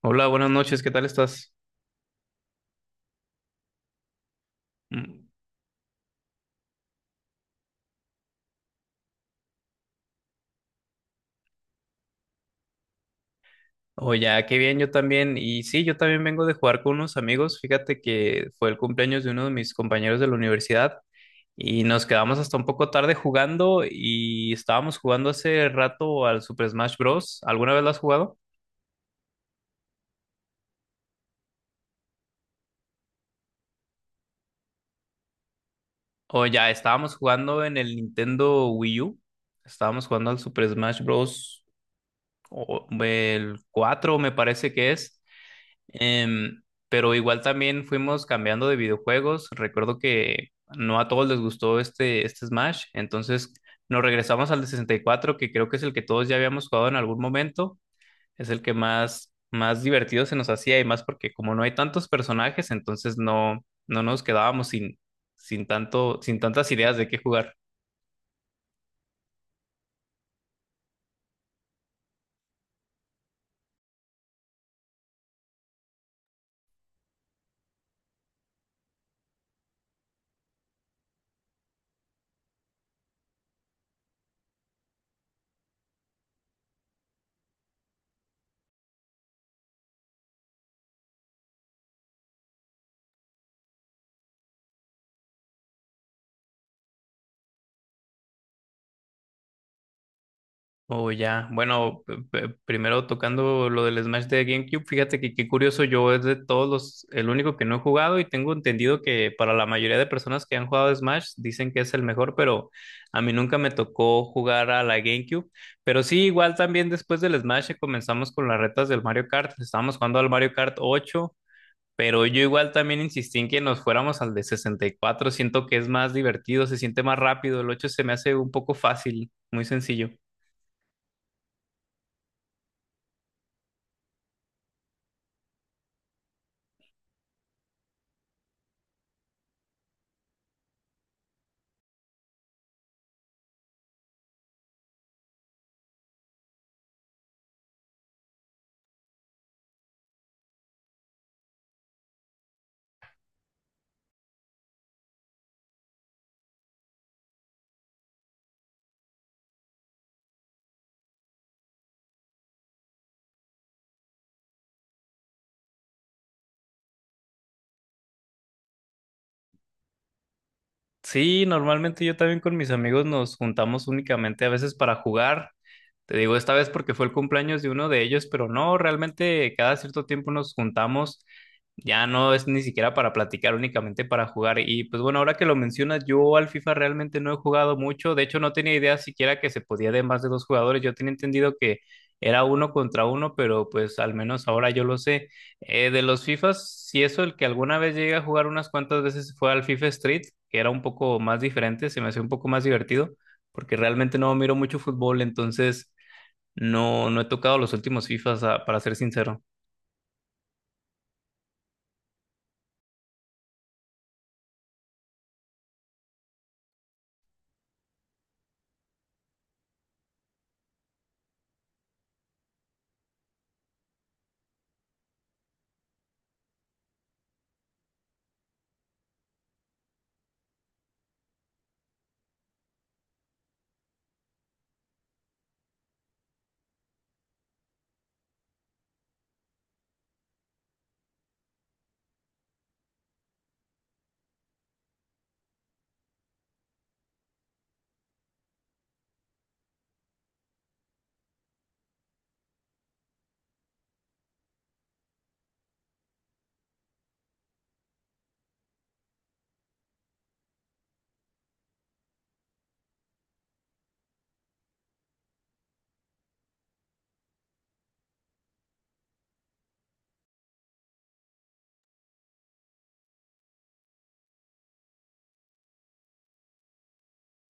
Hola, buenas noches, ¿qué tal estás? Mm, Oye, ah, qué bien, yo también. Y sí, yo también vengo de jugar con unos amigos. Fíjate que fue el cumpleaños de uno de mis compañeros de la universidad y nos quedamos hasta un poco tarde jugando y estábamos jugando hace rato al Super Smash Bros. ¿Alguna vez lo has jugado? O ya, estábamos jugando en el Nintendo Wii U. Estábamos jugando al Super Smash Bros. El 4 me parece que es. Em, pero igual también fuimos cambiando de videojuegos. Recuerdo que no a todos les gustó este Smash, entonces nos regresamos al de 64 que creo que es el que todos ya habíamos jugado en algún momento. Es el que más, más divertido se nos hacía y más porque como no hay tantos personajes, entonces no, no nos quedábamos sin, sin tanto, sin tantas ideas de qué jugar. Oh, ya. Bueno, primero tocando lo del Smash de GameCube, fíjate que qué curioso, yo es de todos los, el único que no he jugado y tengo entendido que para la mayoría de personas que han jugado Smash dicen que es el mejor, pero a mí nunca me tocó jugar a la GameCube. Pero sí, igual también después del Smash comenzamos con las retas del Mario Kart, estábamos jugando al Mario Kart 8 pero yo igual también insistí en que nos fuéramos al de 64 siento que es más divertido, se siente más rápido, el 8 se me hace un poco fácil, muy sencillo. Sí, normalmente yo también con mis amigos nos juntamos únicamente a veces para jugar. Te digo esta vez porque fue el cumpleaños de uno de ellos, pero no, realmente cada cierto tiempo nos juntamos. Ya no es ni siquiera para platicar, únicamente para jugar. Y pues bueno, ahora que lo mencionas, yo al FIFA realmente no he jugado mucho. De hecho, no tenía idea siquiera que se podía de más de dos jugadores. Yo tenía entendido que era uno contra uno, pero pues al menos ahora yo lo sé. De los FIFAs, si eso, el que alguna vez llegué a jugar unas cuantas veces fue al FIFA Street, que era un poco más diferente, se me hacía un poco más divertido, porque realmente no miro mucho fútbol, entonces no, no he tocado los últimos FIFAs, para ser sincero.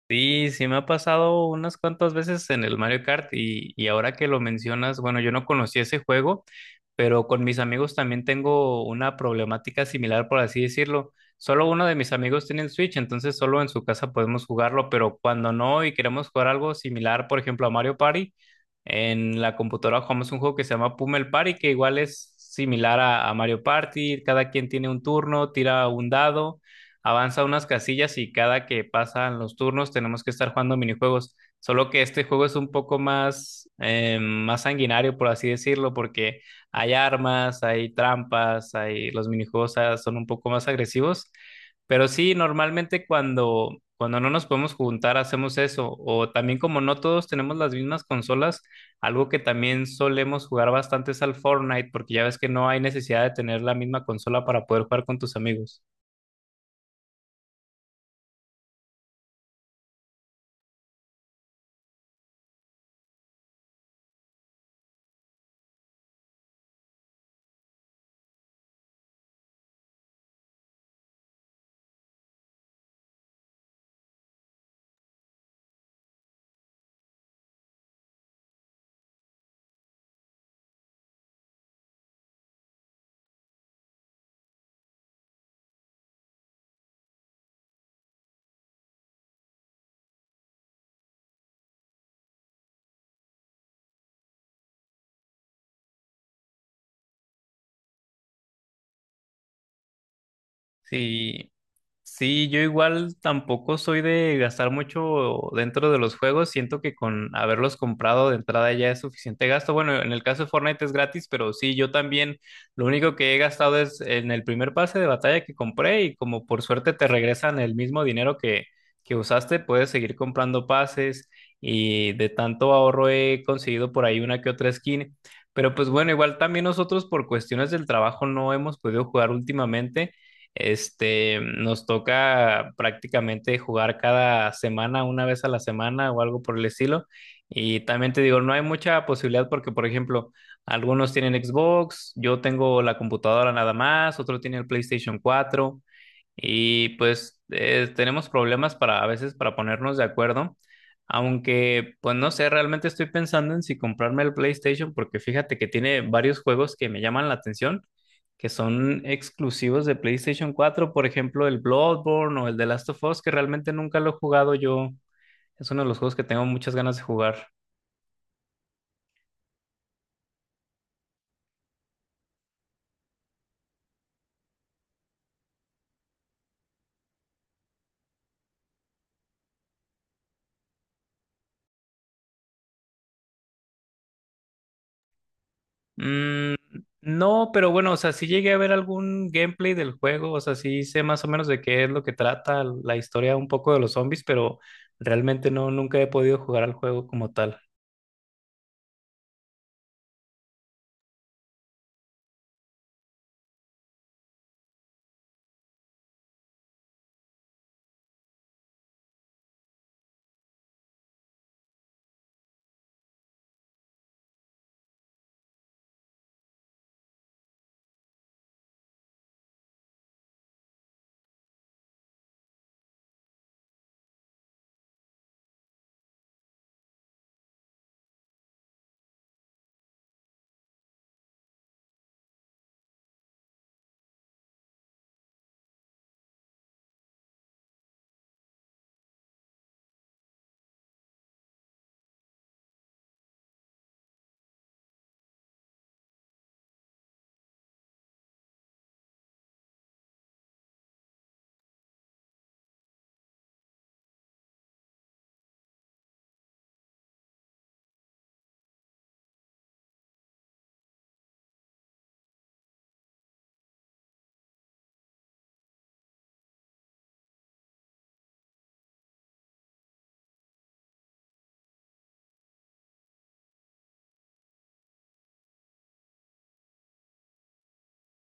Sí, sí me ha pasado unas cuantas veces en el Mario Kart y ahora que lo mencionas, bueno, yo no conocí ese juego, pero con mis amigos también tengo una problemática similar, por así decirlo. Solo uno de mis amigos tiene el Switch, entonces solo en su casa podemos jugarlo, pero cuando no y queremos jugar algo similar, por ejemplo, a Mario Party, en la computadora jugamos un juego que se llama Pummel Party, que igual es similar a Mario Party, cada quien tiene un turno, tira un dado. Avanza unas casillas y cada que pasan los turnos tenemos que estar jugando minijuegos. Solo que este juego es un poco más, más sanguinario, por así decirlo, porque hay armas, hay trampas, hay los minijuegos son un poco más agresivos. Pero sí, normalmente cuando no nos podemos juntar hacemos eso. O también como no todos tenemos las mismas consolas, algo que también solemos jugar bastante es al Fortnite, porque ya ves que no hay necesidad de tener la misma consola para poder jugar con tus amigos. Sí, sí, yo igual tampoco soy de gastar mucho dentro de los juegos. Siento que con haberlos comprado de entrada ya es suficiente gasto. Bueno, en el caso de Fortnite es gratis, pero sí, yo también lo único que he gastado es en el primer pase de batalla que compré y como por suerte te regresan el mismo dinero que usaste, puedes seguir comprando pases y de tanto ahorro he conseguido por ahí una que otra skin. Pero pues bueno, igual también nosotros por cuestiones del trabajo no hemos podido jugar últimamente. Nos toca prácticamente jugar cada semana, una vez a la semana o algo por el estilo. Y también te digo, no hay mucha posibilidad porque, por ejemplo, algunos tienen Xbox, yo tengo la computadora nada más, otro tiene el PlayStation cuatro. Y pues tenemos problemas para a veces para ponernos de acuerdo, aunque pues no sé, realmente estoy pensando en si comprarme el PlayStation porque fíjate que tiene varios juegos que me llaman la atención, que son exclusivos de PlayStation cuatro, por ejemplo el Bloodborne o el The Last of Us, que realmente nunca lo he jugado yo. Es uno de los juegos que tengo muchas ganas de jugar. Mm, no, pero bueno, o sea, sí llegué a ver algún gameplay del juego, o sea, sí sé más o menos de qué es lo que trata la historia un poco de los zombies, pero realmente no, nunca he podido jugar al juego como tal.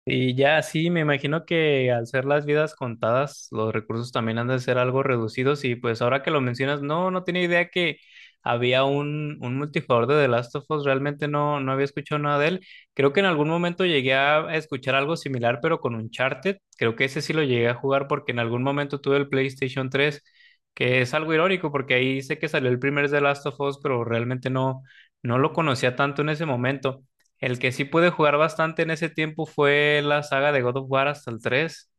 Y ya sí, me imagino que al ser las vidas contadas, los recursos también han de ser algo reducidos y pues ahora que lo mencionas, no, no tenía idea que había un multijugador de The Last of Us, realmente no, no había escuchado nada de él. Creo que en algún momento llegué a escuchar algo similar, pero con Uncharted, creo que ese sí lo llegué a jugar porque en algún momento tuve el PlayStation tres, que es algo irónico porque ahí sé que salió el primer The Last of Us, pero realmente no, no lo conocía tanto en ese momento. El que sí pude jugar bastante en ese tiempo fue la saga de God of War hasta el 3.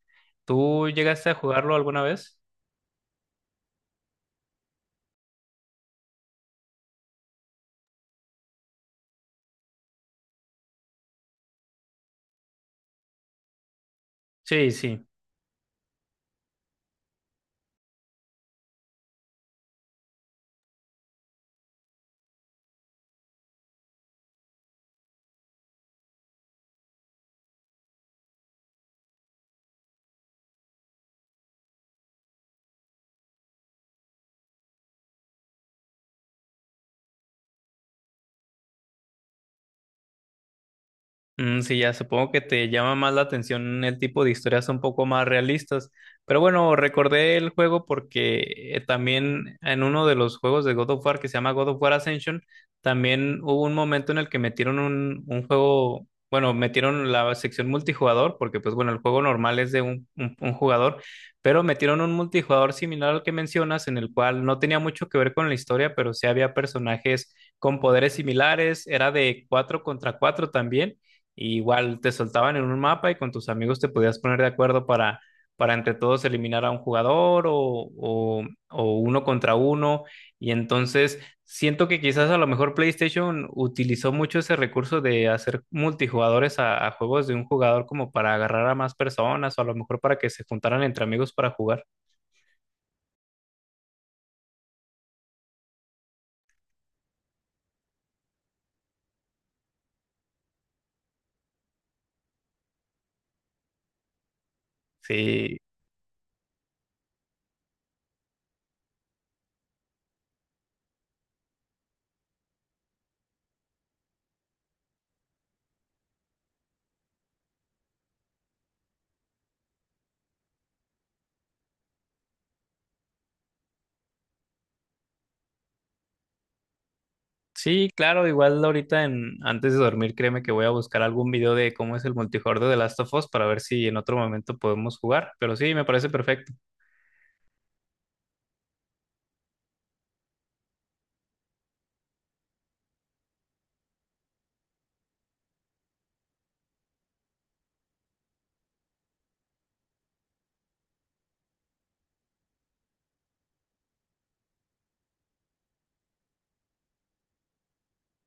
¿Tú llegaste a jugarlo alguna vez? Sí, sí. Mm, sí, ya supongo que te llama más la atención el tipo de historias un poco más realistas. Pero bueno, recordé el juego porque también en uno de los juegos de God of War que se llama God of War Ascension, también hubo un momento en el que metieron un juego, bueno, metieron la sección multijugador, porque pues bueno, el juego normal es de un jugador, pero metieron un multijugador similar al que mencionas, en el cual no tenía mucho que ver con la historia, pero sí había personajes con poderes similares, era de cuatro contra cuatro también y igual te soltaban en un mapa y con tus amigos te podías poner de acuerdo para, entre todos eliminar a un jugador o uno contra uno. Y entonces siento que quizás a lo mejor PlayStation utilizó mucho ese recurso de hacer multijugadores a juegos de un jugador como para agarrar a más personas o a lo mejor para que se juntaran entre amigos para jugar. Sí, sí, claro, igual ahorita en, antes de dormir, créeme que voy a buscar algún video de cómo es el multijugador de The Last of Us para ver si en otro momento podemos jugar. Pero sí, me parece perfecto.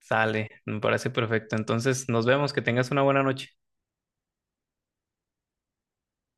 Sale, me parece perfecto. Entonces, nos vemos, que tengas una buena noche.